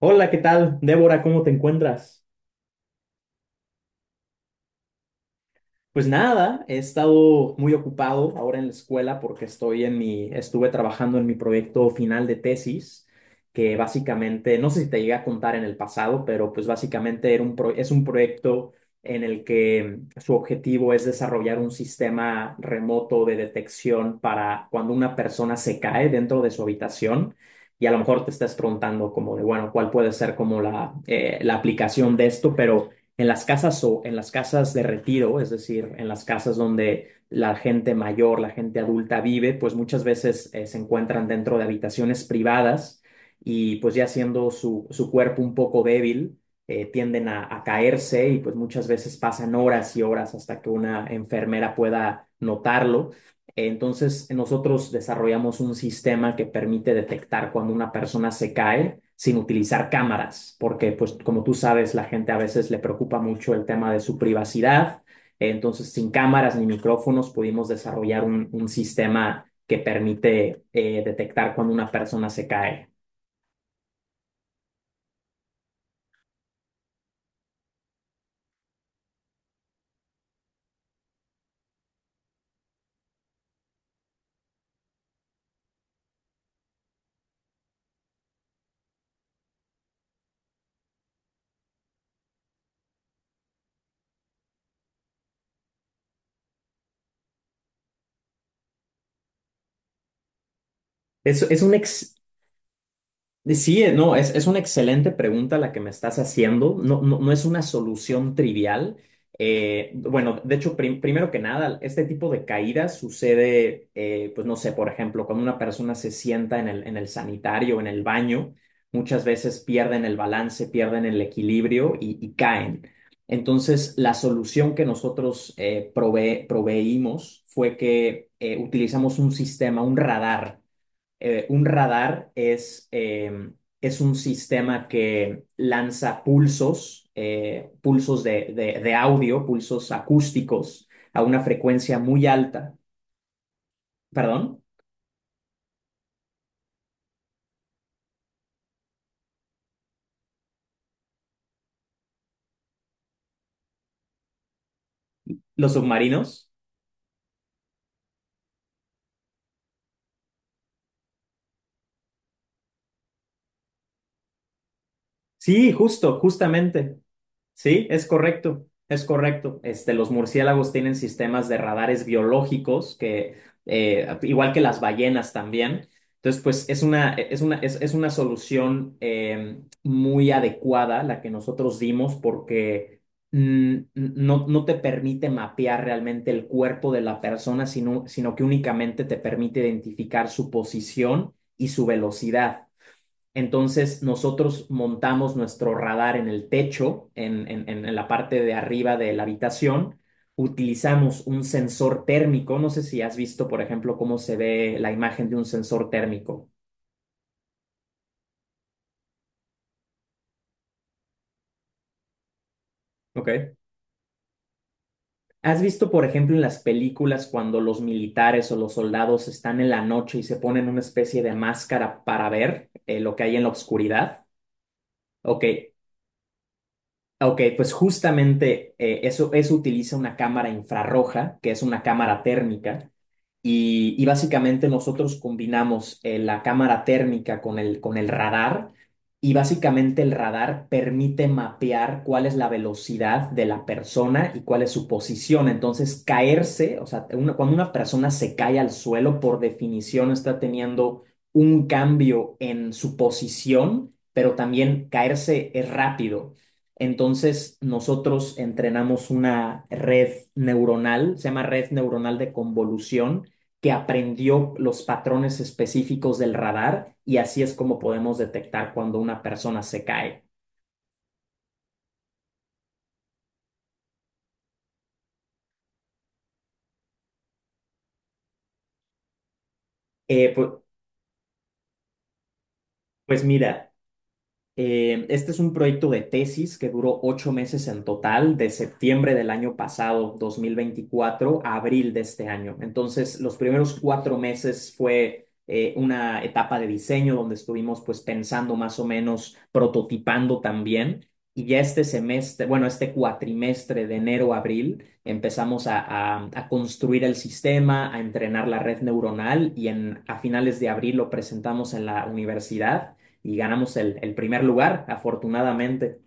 Hola, ¿qué tal? Débora, ¿cómo te encuentras? Pues nada, he estado muy ocupado ahora en la escuela porque estuve trabajando en mi proyecto final de tesis, que básicamente, no sé si te llegué a contar en el pasado, pero pues básicamente es un proyecto en el que su objetivo es desarrollar un sistema remoto de detección para cuando una persona se cae dentro de su habitación. Y a lo mejor te estás preguntando como de, bueno, ¿cuál puede ser como la aplicación de esto? Pero en las casas o en las casas de retiro, es decir, en las casas donde la gente mayor, la gente adulta vive, pues muchas veces se encuentran dentro de habitaciones privadas y pues ya siendo su cuerpo un poco débil, tienden a caerse y pues muchas veces pasan horas y horas hasta que una enfermera pueda notarlo. Entonces, nosotros desarrollamos un sistema que permite detectar cuando una persona se cae sin utilizar cámaras, porque pues como tú sabes, la gente a veces le preocupa mucho el tema de su privacidad. Entonces, sin cámaras ni micrófonos, pudimos desarrollar un sistema que permite detectar cuando una persona se cae. Es, es un ex- Sí, no, es una excelente pregunta la que me estás haciendo. No, no, no es una solución trivial. Bueno, de hecho, primero que nada, este tipo de caídas sucede, pues no sé, por ejemplo, cuando una persona se sienta en el sanitario, en el baño, muchas veces pierden el balance, pierden el equilibrio y caen. Entonces, la solución que nosotros proveímos fue que utilizamos un sistema, un radar. Un radar es un sistema que lanza pulsos, pulsos de audio, pulsos acústicos a una frecuencia muy alta. ¿Perdón? ¿Los submarinos? Sí, justo, justamente. Sí, es correcto, es correcto. Este, los murciélagos tienen sistemas de radares biológicos que, igual que las ballenas también. Entonces, pues es una solución muy adecuada la que nosotros dimos porque no, no te permite mapear realmente el cuerpo de la persona, sino que únicamente te permite identificar su posición y su velocidad. Entonces nosotros montamos nuestro radar en el techo, la parte de arriba de la habitación. Utilizamos un sensor térmico. No sé si has visto, por ejemplo, cómo se ve la imagen de un sensor térmico. ¿Okay? ¿Has visto, por ejemplo, en las películas cuando los militares o los soldados están en la noche y se ponen una especie de máscara para ver lo que hay en la oscuridad? Ok. Ok, pues justamente eso utiliza una cámara infrarroja, que es una cámara térmica, y básicamente nosotros combinamos la cámara térmica con el radar, y básicamente el radar permite mapear cuál es la velocidad de la persona y cuál es su posición. Entonces, caerse, o sea, cuando una persona se cae al suelo, por definición está teniendo un cambio en su posición, pero también caerse es rápido. Entonces, nosotros entrenamos una red neuronal, se llama red neuronal de convolución, que aprendió los patrones específicos del radar y así es como podemos detectar cuando una persona se cae. Eh, pu- pues, mira. Este es un proyecto de tesis que duró 8 meses en total, de septiembre del año pasado, 2024, a abril de este año. Entonces, los primeros 4 meses fue una etapa de diseño donde estuvimos pues pensando más o menos, prototipando también. Y ya este semestre, bueno, este cuatrimestre de enero a abril, empezamos a construir el sistema, a entrenar la red neuronal y a finales de abril lo presentamos en la universidad y ganamos el primer lugar, afortunadamente.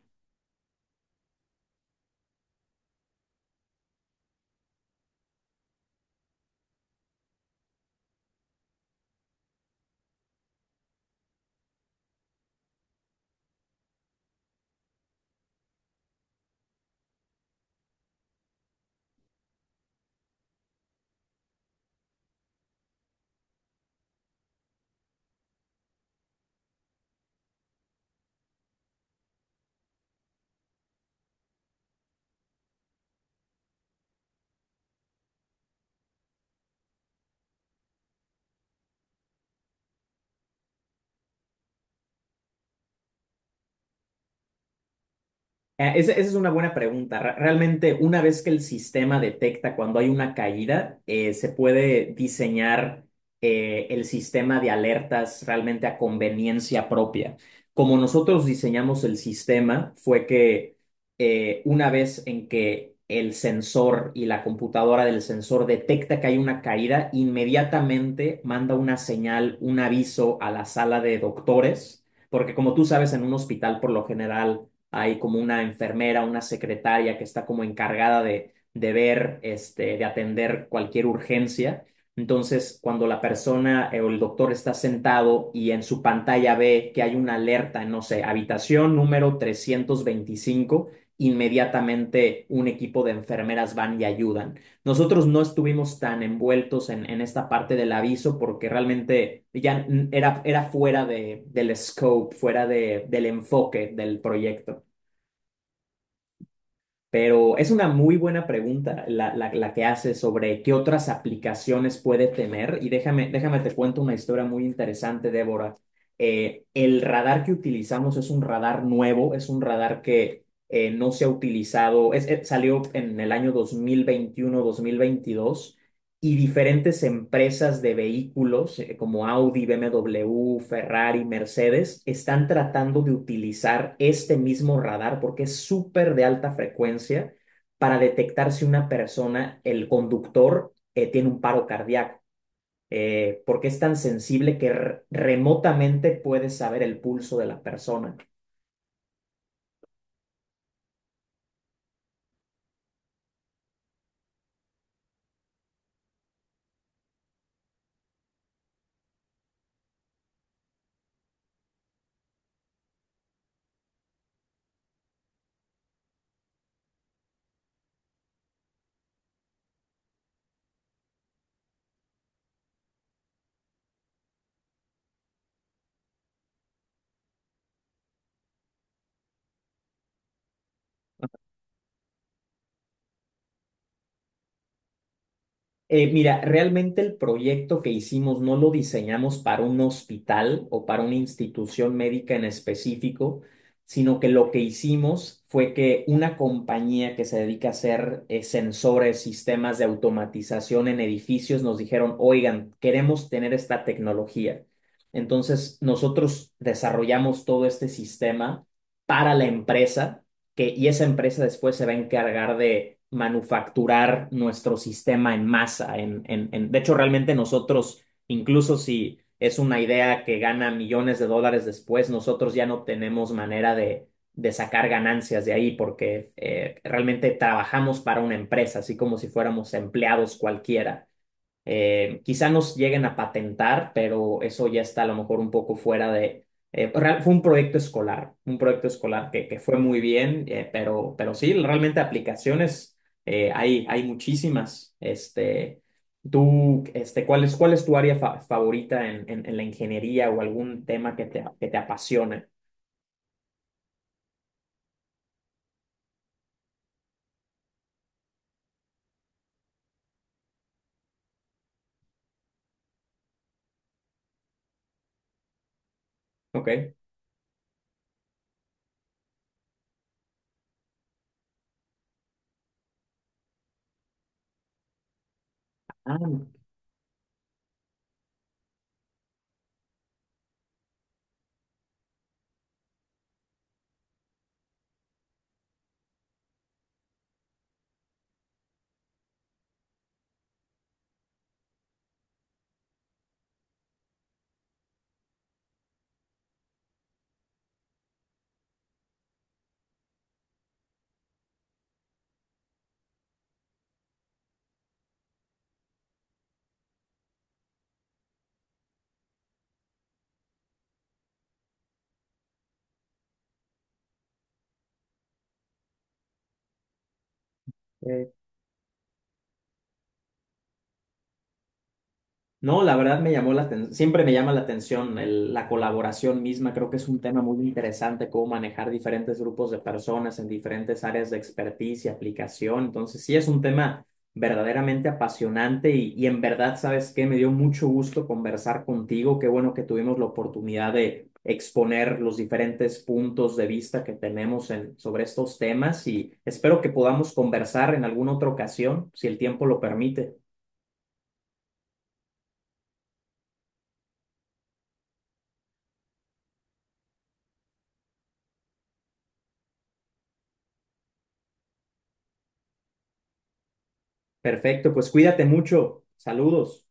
Esa es una buena pregunta. Realmente, una vez que el sistema detecta cuando hay una caída, se puede diseñar el sistema de alertas realmente a conveniencia propia. Como nosotros diseñamos el sistema, fue que una vez en que el sensor y la computadora del sensor detecta que hay una caída, inmediatamente manda una señal, un aviso a la sala de doctores, porque como tú sabes, en un hospital por lo general hay como una enfermera, una secretaria que está como encargada de ver, este, de atender cualquier urgencia. Entonces, cuando la persona o el doctor está sentado y en su pantalla ve que hay una alerta, no sé, habitación número 325, inmediatamente un equipo de enfermeras van y ayudan. Nosotros no estuvimos tan envueltos en esta parte del aviso porque realmente era fuera del scope, fuera del enfoque del proyecto. Pero es una muy buena pregunta la que haces sobre qué otras aplicaciones puede tener. Y déjame te cuento una historia muy interesante, Débora. El radar que utilizamos es un radar nuevo, es un radar que no se ha utilizado, salió en el año 2021 mil veintidós y diferentes empresas de vehículos como Audi, BMW, Ferrari, Mercedes están tratando de utilizar este mismo radar porque es súper de alta frecuencia para detectar si una persona, el conductor, tiene un paro cardíaco, porque es tan sensible que remotamente puedes saber el pulso de la persona. Mira, realmente el proyecto que hicimos no lo diseñamos para un hospital o para una institución médica en específico, sino que lo que hicimos fue que una compañía que se dedica a hacer sensores, sistemas de automatización en edificios, nos dijeron, oigan, queremos tener esta tecnología. Entonces, nosotros desarrollamos todo este sistema para la empresa que, y esa empresa después se va a encargar de manufacturar nuestro sistema en masa. De hecho, realmente nosotros, incluso si es una idea que gana millones de dólares después, nosotros ya no tenemos manera de sacar ganancias de ahí porque realmente trabajamos para una empresa, así como si fuéramos empleados cualquiera. Quizá nos lleguen a patentar, pero eso ya está a lo mejor un poco fuera de. Pues, fue un proyecto escolar que fue muy bien, pero, sí, realmente aplicaciones hay, muchísimas. Este, tú, este, ¿cuál es tu área favorita en la ingeniería o algún tema que te, apasione? Ok. Ah, no, la verdad me llamó la atención, siempre me llama la atención la colaboración misma, creo que es un tema muy interesante, cómo manejar diferentes grupos de personas en diferentes áreas de expertise y aplicación, entonces sí es un tema verdaderamente apasionante y en verdad, ¿sabes qué? Me dio mucho gusto conversar contigo, qué bueno que tuvimos la oportunidad de exponer los diferentes puntos de vista que tenemos sobre estos temas y espero que podamos conversar en alguna otra ocasión, si el tiempo lo permite. Perfecto, pues cuídate mucho. Saludos.